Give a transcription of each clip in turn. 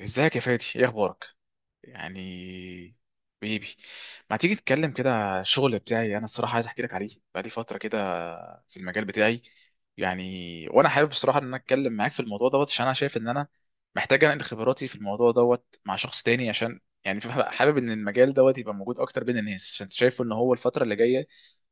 ازيك يا فادي؟ ايه اخبارك؟ يعني بيبي، ما تيجي تتكلم كده على الشغل بتاعي. انا الصراحه عايز احكي لك عليه بقالي فتره كده، في المجال بتاعي. يعني وانا حابب الصراحه ان انا اتكلم معاك في الموضوع دوت، عشان انا شايف ان انا محتاج انقل خبراتي في الموضوع دوت مع شخص تاني، عشان يعني حابب ان المجال دوت يبقى موجود اكتر بين الناس، عشان شايف ان هو الفتره اللي جايه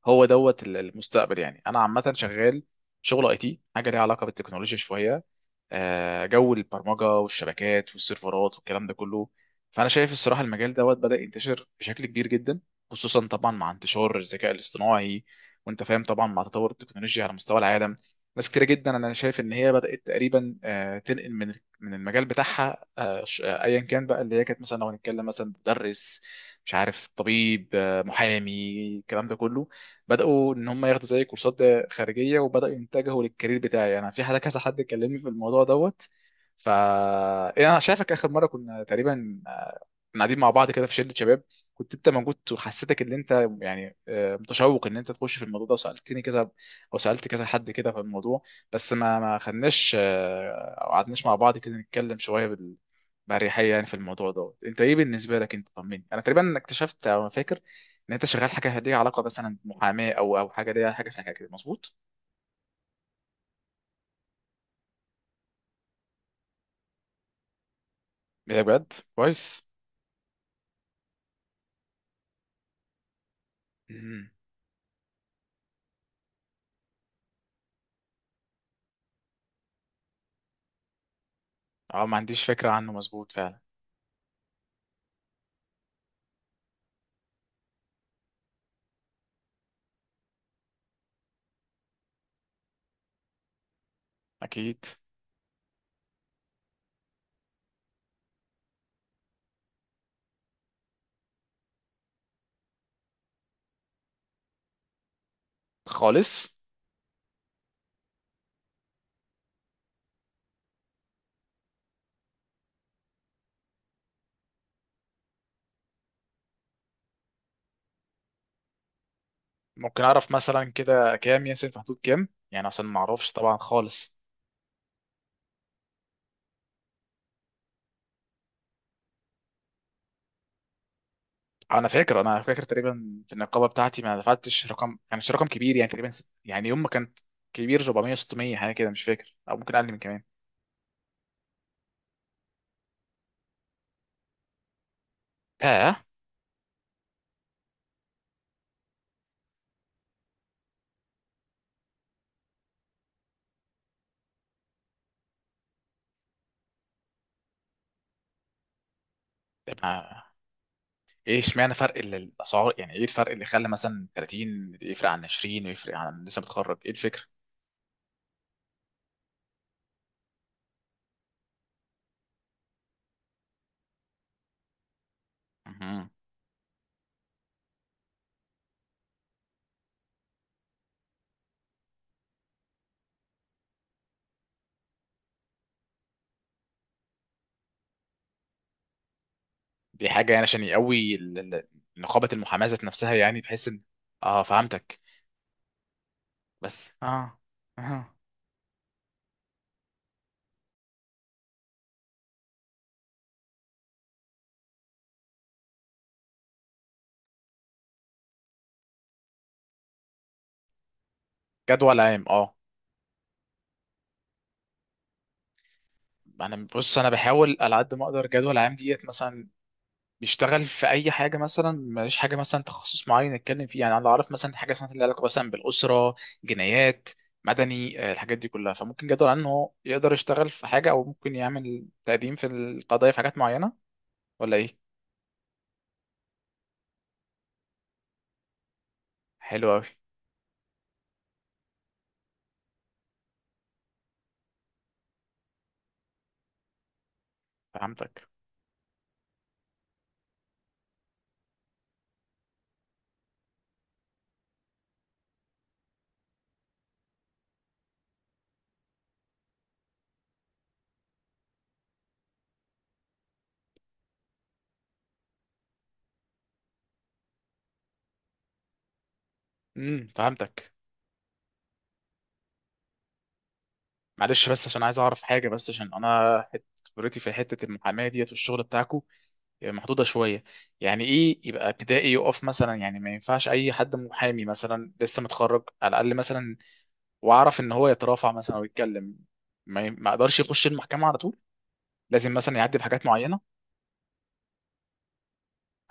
هو دوت المستقبل. يعني انا عامه شغال شغل اي تي، حاجه ليها علاقه بالتكنولوجيا شويه. جو البرمجه والشبكات والسيرفرات والكلام ده كله. فانا شايف الصراحه المجال دوت بدا ينتشر بشكل كبير جدا، خصوصا طبعا مع انتشار الذكاء الاصطناعي، وانت فاهم طبعا مع تطور التكنولوجيا على مستوى العالم. ناس كتير جدا انا شايف ان هي بدات تقريبا تنقل من المجال بتاعها، ايا كان بقى اللي هي كانت. مثلا لو هنتكلم مثلا مدرس، مش عارف، طبيب، محامي، الكلام ده كله، بداوا ان هم ياخدوا زي كورسات خارجيه، وبداوا يتجهوا للكارير بتاعي انا. في حد، كذا حد كلمني في الموضوع دوت. ف يعني انا شايفك اخر مره كنا تقريبا كنا قاعدين مع بعض كده في شله شباب، كنت انت موجود، وحسيتك ان انت يعني متشوق ان انت تخش في الموضوع ده، وسالتني كذا او سالت كذا حد كده في الموضوع. بس ما خدناش او قعدناش مع بعض كده نتكلم شويه بأريحية يعني في الموضوع دوت. انت ايه بالنسبه لك؟ انت طمني، انا تقريبا اكتشفت او فاكر ان انت شغال حاجه ليها علاقه مثلا بمحاماه او او حاجه ليها حاجه في حاجه كده، مظبوط؟ ايه ده؟ بجد كويس. مم. اه ما عنديش فكرة عنه، مظبوط فعلا. اكيد. خالص. ممكن اعرف مثلا كده كام ياسين في حدود كام يعني؟ عشان ما اعرفش طبعا خالص. انا فاكر، انا فاكر تقريبا في النقابة بتاعتي ما دفعتش رقم، كانش رقم كبير يعني. تقريبا ست... يعني يوم ما كانت كبير، 400، 600 حاجة كده، مش فاكر، او ممكن اقل من كمان. اه. طب ما- ايه اشمعنى فرق الاسعار؟ يعني ايه الفرق اللي خلى مثلا 30 يفرق عن 20، ويفرق عن لسه متخرج؟ ايه الفكرة؟ مهم. دي حاجة يعني عشان يقوي نقابة المحاماة ذات نفسها، يعني بحيث ان... اه فهمتك. بس اه. اه. جدول عام، اه. انا بص، انا بحاول على قد ما اقدر. جدول عام ديت مثلا بيشتغل في اي حاجه. مثلا ماليش حاجه مثلا تخصص معين نتكلم فيه. يعني انا اعرف مثلا حاجه اسمها اللي علاقه مثلا بالاسره، جنايات، مدني، الحاجات دي كلها. فممكن جدول عام ان هو يقدر يشتغل في حاجه، او ممكن يعمل تقديم في القضايا في حاجات معينه، ولا ايه؟ حلو قوي. فهمتك. امم، فهمتك. معلش، بس عشان عايز اعرف حاجه، بس عشان خبرتي في حته المحاماه ديت والشغل بتاعكو محدوده شويه. يعني ايه يبقى ابتدائي يقف مثلا؟ يعني ما ينفعش اي حد محامي مثلا لسه متخرج على الاقل مثلا، واعرف ان هو يترافع مثلا او يتكلم؟ ما اقدرش يخش المحكمه على طول، لازم مثلا يعدي بحاجات معينه.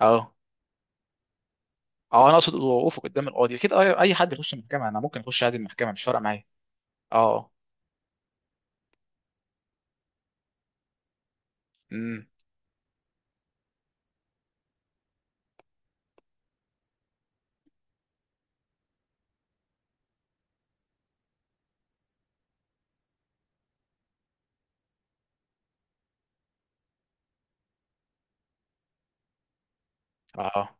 اه. اه انا اقصد وقوفه قدام القاضي. كده اي أي حد يخش المحكمه، انا ممكن اخش عادي المحكمه، مش فارقه معايا. اه. امم. اه.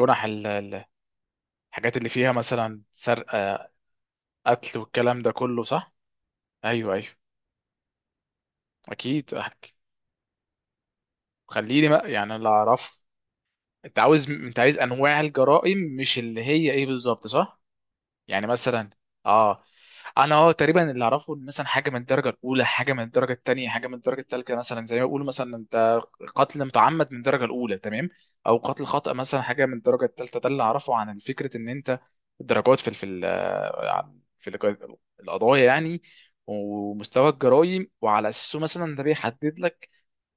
جنح الحاجات اللي فيها مثلا سرقه، قتل، والكلام ده كله، صح؟ ايوه، ايوه. اكيد، احكي. خليني بقى يعني اللي اعرفه. انت عاوز، انت عايز انواع الجرائم مش اللي هي ايه بالظبط، صح؟ يعني مثلا، اه، انا اه تقريبا اللي اعرفه ان مثلا حاجه من الدرجه الاولى، حاجه من الدرجه الثانيه، حاجه من الدرجه الثالثه. مثلا زي ما بيقولوا مثلا: انت قتل متعمد من الدرجه الاولى، تمام، او قتل خطأ مثلا حاجه من الدرجه الثالثه. ده اللي اعرفه عن فكره ان انت الدرجات في القضايا يعني، ومستوى الجرائم، وعلى اساسه مثلا ده بيحدد لك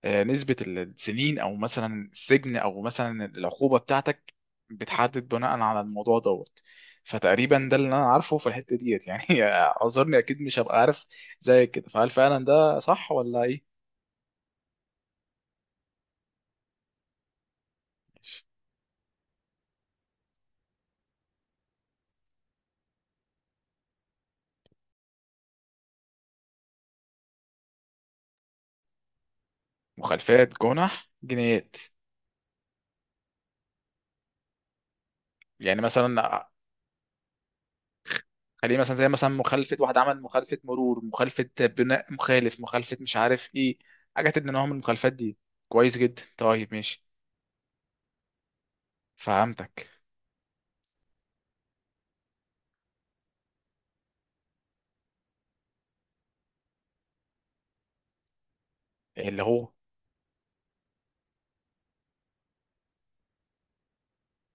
نسبة السنين أو مثلا السجن أو مثلا العقوبة بتاعتك، بتحدد بناء على الموضوع دوت. فتقريبا ده اللي أنا عارفه في الحتة ديت يعني أعذرني، أكيد مش هبقى عارف زي كده. فهل فعلا ده صح ولا إيه؟ ماشي. مخالفات، جنح، جنايات. يعني مثلا، خليه مثلا زي مثلا مخالفة، واحد عمل مخالفة مرور، مخالفة بناء مخالف، مخالفة مش عارف إيه، حاجات من نوع من المخالفات دي. كويس جدا، طيب ماشي. فهمتك. اللي هو.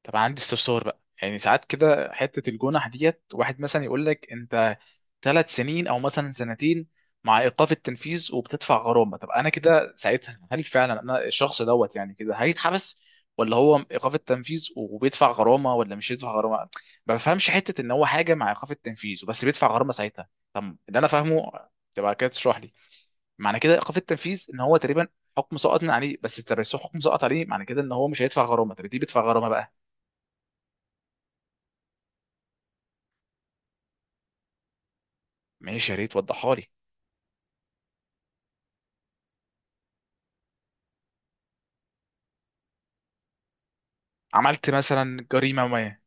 طب عندي استفسار بقى. يعني ساعات كده حتة الجنح ديت، واحد مثلا يقول لك انت ثلاث سنين او مثلا سنتين مع ايقاف التنفيذ وبتدفع غرامة. طب انا كده ساعتها هل فعلا انا الشخص دوت يعني كده هيتحبس، ولا هو ايقاف التنفيذ وبيدفع غرامة، ولا مش يدفع غرامة؟ ما بفهمش حتة ان هو حاجة مع ايقاف التنفيذ وبس بيدفع غرامة ساعتها. طب اللي انا فاهمه، تبقى كده تشرح لي معنى كده ايقاف التنفيذ ان هو تقريبا حكم سقط من عليه، بس انت بس حكم سقط عليه معنى كده ان هو مش هيدفع غرامه، طب دي بيدفع غرامه بقى. ماشي، يا ريت وضحها لي. عملت مثلا جريمة ما.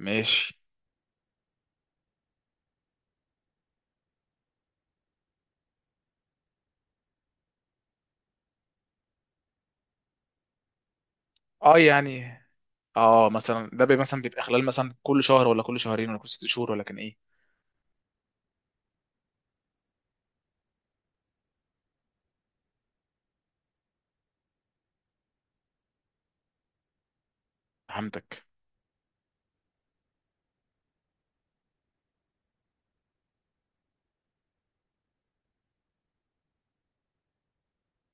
ماشي. اه يعني، اه مثلا ده بي مثلا بيبقى خلال مثلا كل شهر، ولا كل شهرين، ولا كل ست شهور، ولا كان ايه؟ فهمتك.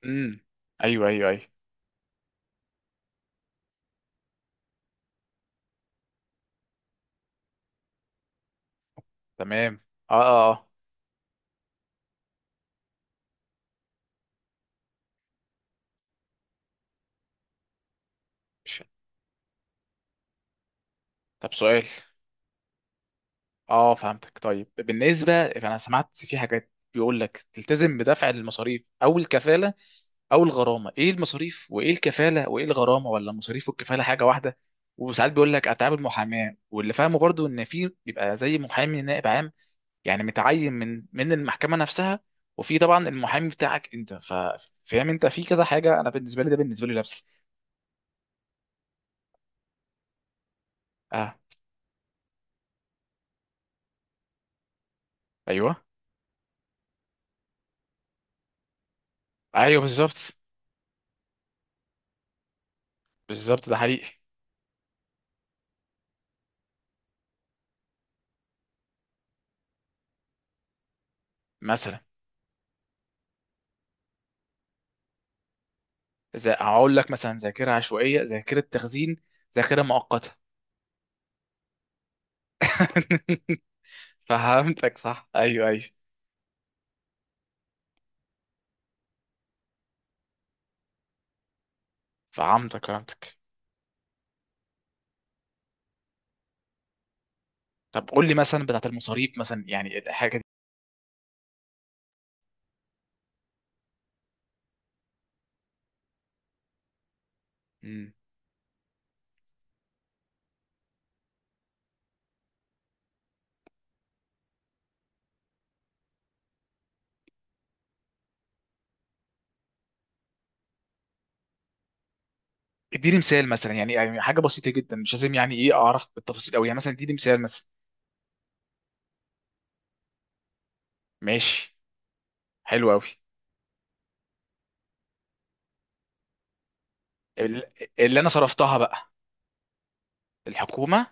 امم. ايوه، ايوه، ايوه. تمام. اه اه اه. مش. طب سؤال. اه فهمتك. طيب بالنسبة، انا سمعت في حاجات بيقول لك تلتزم بدفع المصاريف او الكفالة او الغرامة. ايه المصاريف وايه الكفالة وايه الغرامة؟ ولا المصاريف والكفالة حاجة واحدة؟ وساعات بيقول لك اتعاب المحاماة. واللي فاهمه برضو ان في بيبقى زي محامي نائب عام، يعني متعين من المحكمة نفسها، وفي طبعا المحامي بتاعك انت. فاهم انت في كذا حاجة، انا بالنسبة لي ده بالنسبة لي لبس. اه. ايوه، ايوه بالظبط. بالظبط، ده حقيقي. مثلا زي، هقول لك مثلا، ذاكره عشوائيه، ذاكره تخزين، ذاكره مؤقته. فهمتك، صح. ايوه، ايوه. فهمتك، فهمتك. طب قول لي مثلا بتاعت المصاريف مثلا، يعني الحاجه دي. مم. اديني مثال مثلا. يعني، يعني حاجه بسيطه جدا، مش لازم يعني ايه اعرف بالتفاصيل قوي، يعني مثلا اديني مثال مثلا. ماشي. حلو قوي. اللي انا صرفتها بقى. الحكومه.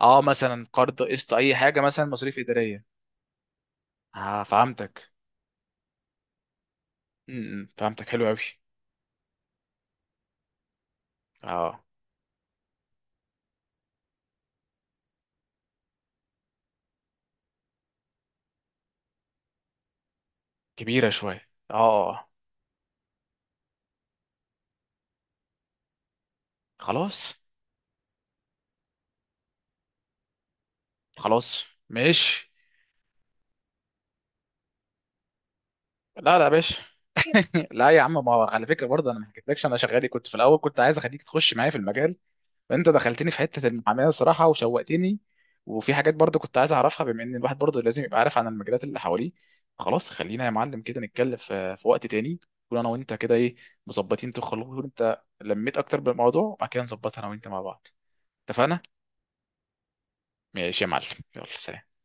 اه، مثلا قرض، قسط، اي حاجه مثلا، مصاريف اداريه. اه فهمتك. امم، فهمتك. حلو قوي. اه، كبيره شويه، اه، خلاص. خلاص. ماشي. لا لا يا باشا. لا يا عم، ما هو على فكره برضه انا ما حكيتلكش، انا شغالي كنت في الاول كنت عايز اخليك تخش معايا في المجال، فانت دخلتني في حته المحاماه الصراحه وشوقتني. وفي حاجات برضه كنت عايز اعرفها، بما ان الواحد برضه لازم يبقى عارف عن المجالات اللي حواليه. خلاص، خلينا يا معلم كده نتكلم في وقت تاني، نكون انا وانت كده ايه، مظبطين. تخلص انت لميت اكتر بالموضوع، وبعد كده نظبطها انا وانت مع بعض. اتفقنا؟ ماشي يا معلم. يلا، سلام.